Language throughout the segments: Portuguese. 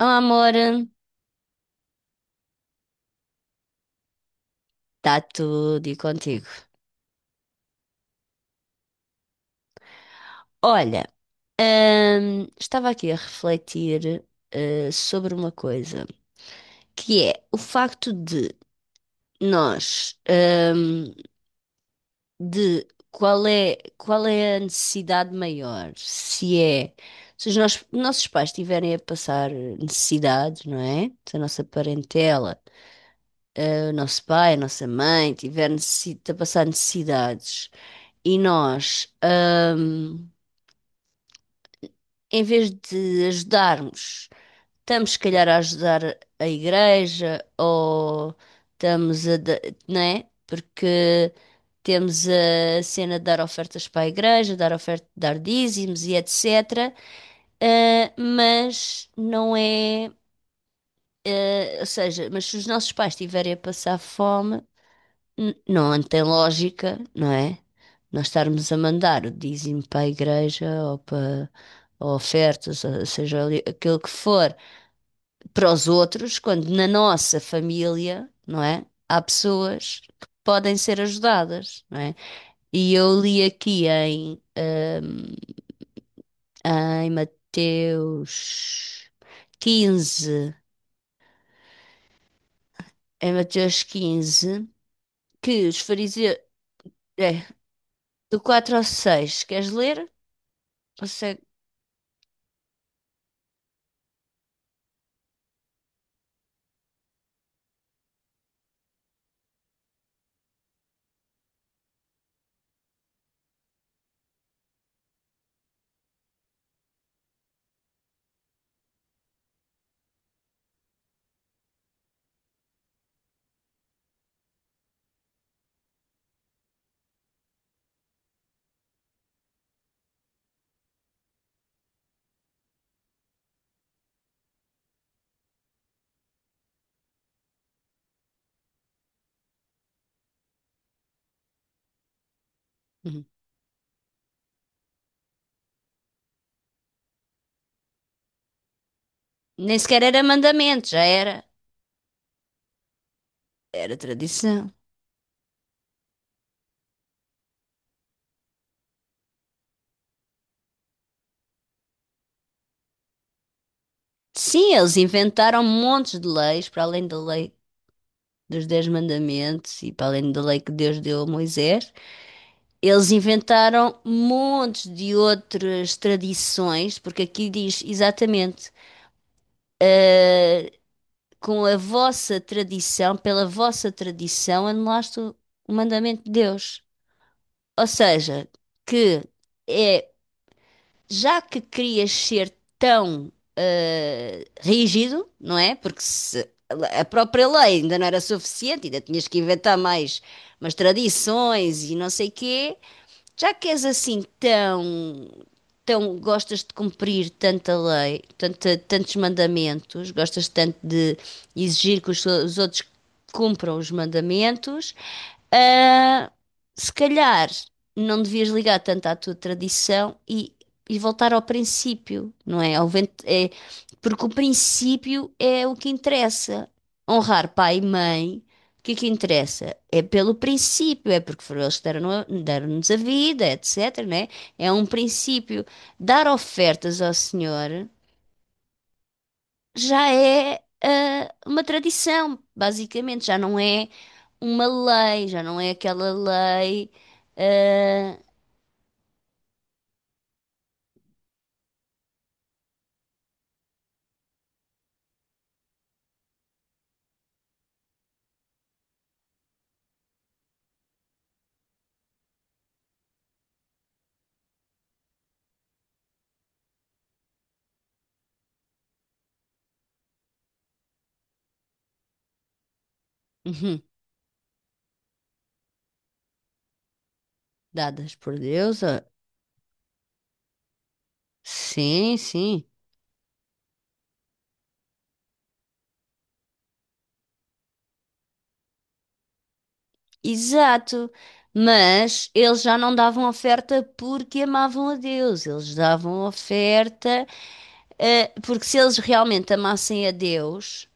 Oh, Amor, está tudo e contigo. Olha, estava aqui a refletir, sobre uma coisa, que é o facto de nós, de qual é a necessidade maior? Se é, se os nossos pais estiverem a passar necessidade, não é? Se a nossa parentela, o nosso pai, a nossa mãe tiver a passar necessidades e nós. hum, Em vez de ajudarmos, estamos se calhar a ajudar a igreja ou estamos a. Não é? Porque temos a cena de dar ofertas para a igreja, dar oferta, dar dízimos e etc. Mas não é, ou seja, mas se os nossos pais estiverem a passar fome, N- não tem lógica, não é? Nós estarmos a mandar o dízimo para a igreja ou para ou ofertas, ou seja ali, aquilo que for, para os outros, quando na nossa família, não é? Há pessoas que podem ser ajudadas, não é? E eu li aqui em, em Mateus 15, em Mateus quinze, que os fariseus. É, do 4 ao 6 queres ler? Ou nem sequer era mandamento, já era. Era tradição. Sim, eles inventaram montes de leis, para além da lei dos Dez Mandamentos e para além da lei que Deus deu a Moisés. Eles inventaram montes de outras tradições, porque aqui diz exatamente, eh, com a vossa tradição, pela vossa tradição, anulaste o mandamento de Deus. Ou seja, que é já que querias ser tão rígido, não é? Porque se a própria lei ainda não era suficiente, ainda tinhas que inventar mais umas tradições e não sei quê, já que és assim tão, tão gostas de cumprir tanta lei, tanta, tantos mandamentos, gostas tanto de exigir que os outros cumpram os mandamentos, ah, se calhar não devias ligar tanto à tua tradição e voltar ao princípio, não é? Ao vento, é? Porque o princípio é o que interessa. Honrar pai e mãe, o que é que interessa? É pelo princípio, é porque foram eles que deram-nos a vida, etc, né? É um princípio. Dar ofertas ao Senhor já é ah, uma tradição, basicamente, já não é uma lei, já não é aquela lei ah, uhum, dadas por Deus. Ah, sim, sim, exato. Mas eles já não davam oferta porque amavam a Deus, eles davam oferta ah, porque se eles realmente amassem a Deus,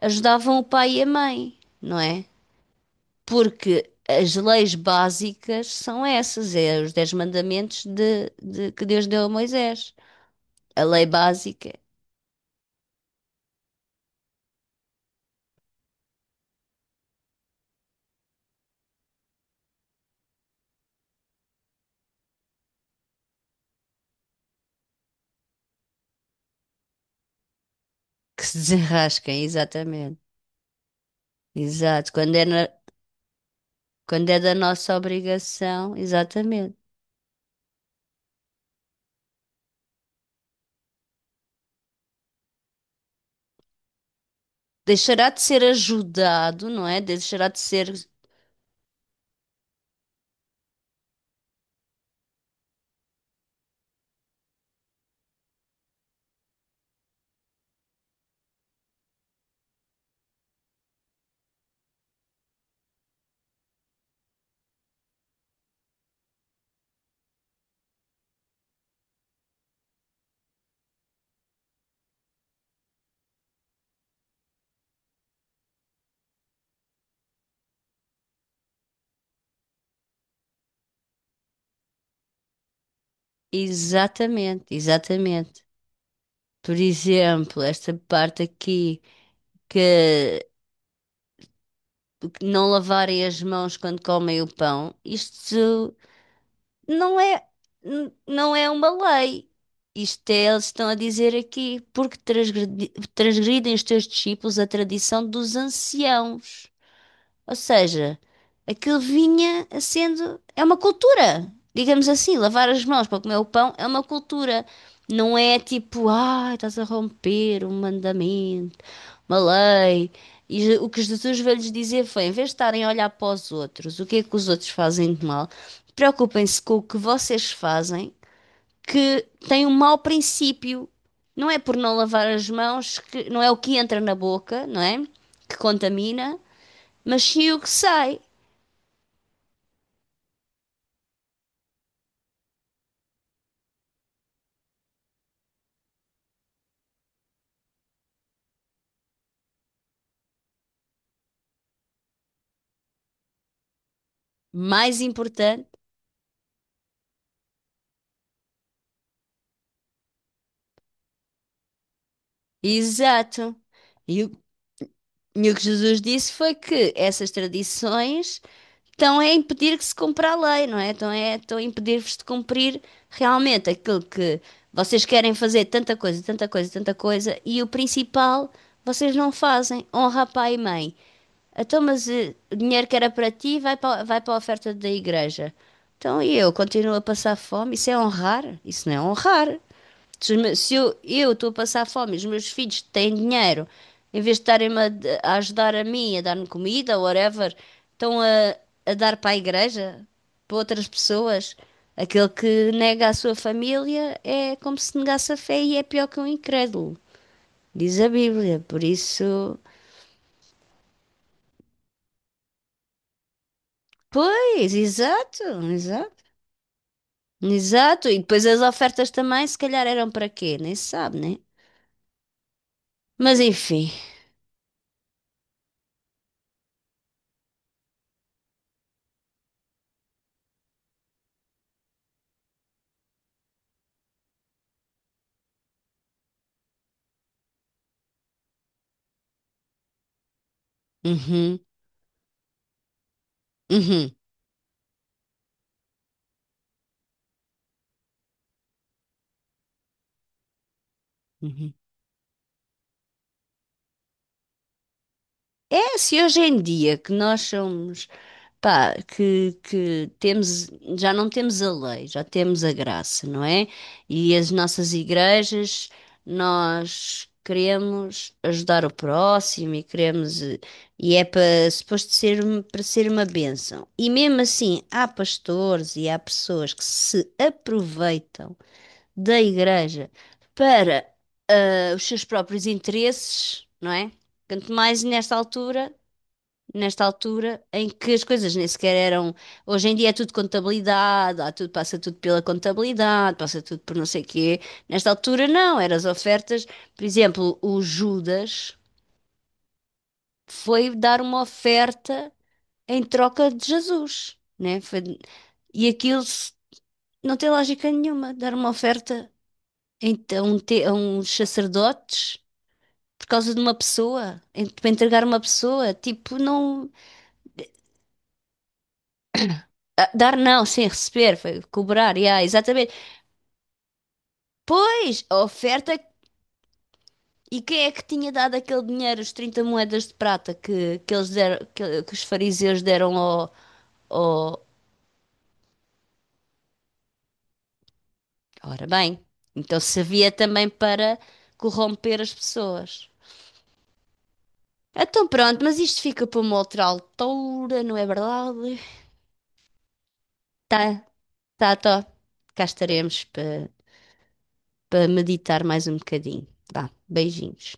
ajudavam o pai e a mãe, não é? Porque as leis básicas são essas, é os dez mandamentos que Deus deu a Moisés. A lei básica que se desenrasquem, exatamente. Exato. Quando é da nossa obrigação, exatamente. Deixará de ser ajudado, não é? Deixará de ser. Exatamente, exatamente. Por exemplo, esta parte aqui que não lavarem as mãos quando comem o pão, isto não é, não é uma lei. Isto é, eles estão a dizer aqui, porque transgridem os teus discípulos a tradição dos anciãos. Ou seja, aquilo vinha a sendo, é uma cultura. Digamos assim, lavar as mãos para comer o pão é uma cultura. Não é tipo, ah, estás a romper um mandamento. Malei. E o que Jesus veio lhes dizer foi: em vez de estarem a olhar para os outros, o que é que os outros fazem de mal, preocupem-se com o que vocês fazem, que tem um mau princípio. Não é por não lavar as mãos, que não é o que entra na boca, não é? Que contamina, mas sim o que sai. Mais importante. Exato. E o, e o que Jesus disse foi que essas tradições estão a impedir que se cumpra a lei, não é? Estão a impedir-vos de cumprir realmente aquilo que vocês querem fazer, tanta coisa, tanta coisa, tanta coisa, e o principal vocês não fazem. Honra a pai e mãe. Então, mas eh, o dinheiro que era para ti vai para, vai para a oferta da igreja. Então, e eu continuo a passar fome? Isso é honrar? Isso não é honrar. Se, se eu estou a passar fome, e os meus filhos têm dinheiro, em vez de estarem-me a ajudar a mim, a dar-me comida, whatever, estão a dar para a igreja, para outras pessoas. Aquele que nega a sua família é como se negasse a fé e é pior que um incrédulo, diz a Bíblia. Por isso, pois, exato, exato. Exato, e depois as ofertas também, se calhar eram para quê? Nem se sabe, né? Mas enfim. Uhum, uhum, uhum. É, se hoje em dia que nós somos, pá, que temos, já não temos a lei, já temos a graça, não é? E as nossas igrejas, nós queremos ajudar o próximo e queremos, eh, e é para, suposto ser, para ser uma bênção. E mesmo assim, há pastores e há pessoas que se aproveitam da igreja para, eh, os seus próprios interesses, não é? Quanto mais nesta altura em que as coisas nem sequer eram. Hoje em dia é tudo contabilidade, há tudo, passa tudo pela contabilidade, passa tudo por não sei quê. Nesta altura não, eram as ofertas. Por exemplo, o Judas foi dar uma oferta em troca de Jesus, né? E aquilo não tem lógica nenhuma, dar uma oferta a uns sacerdotes. Por causa de uma pessoa, para entregar uma pessoa, tipo, não. Ah, dar não, sem receber, foi cobrar, yeah, exatamente. Pois, a oferta, e quem é que tinha dado aquele dinheiro, os 30 moedas de prata que, que eles deram, que os fariseus deram ao, ao... Ora bem, então servia também para corromper as pessoas. Então pronto, mas isto fica para uma outra altura, não é verdade? Tá, tá, tá. Cá estaremos para meditar mais um bocadinho. Vá, beijinhos.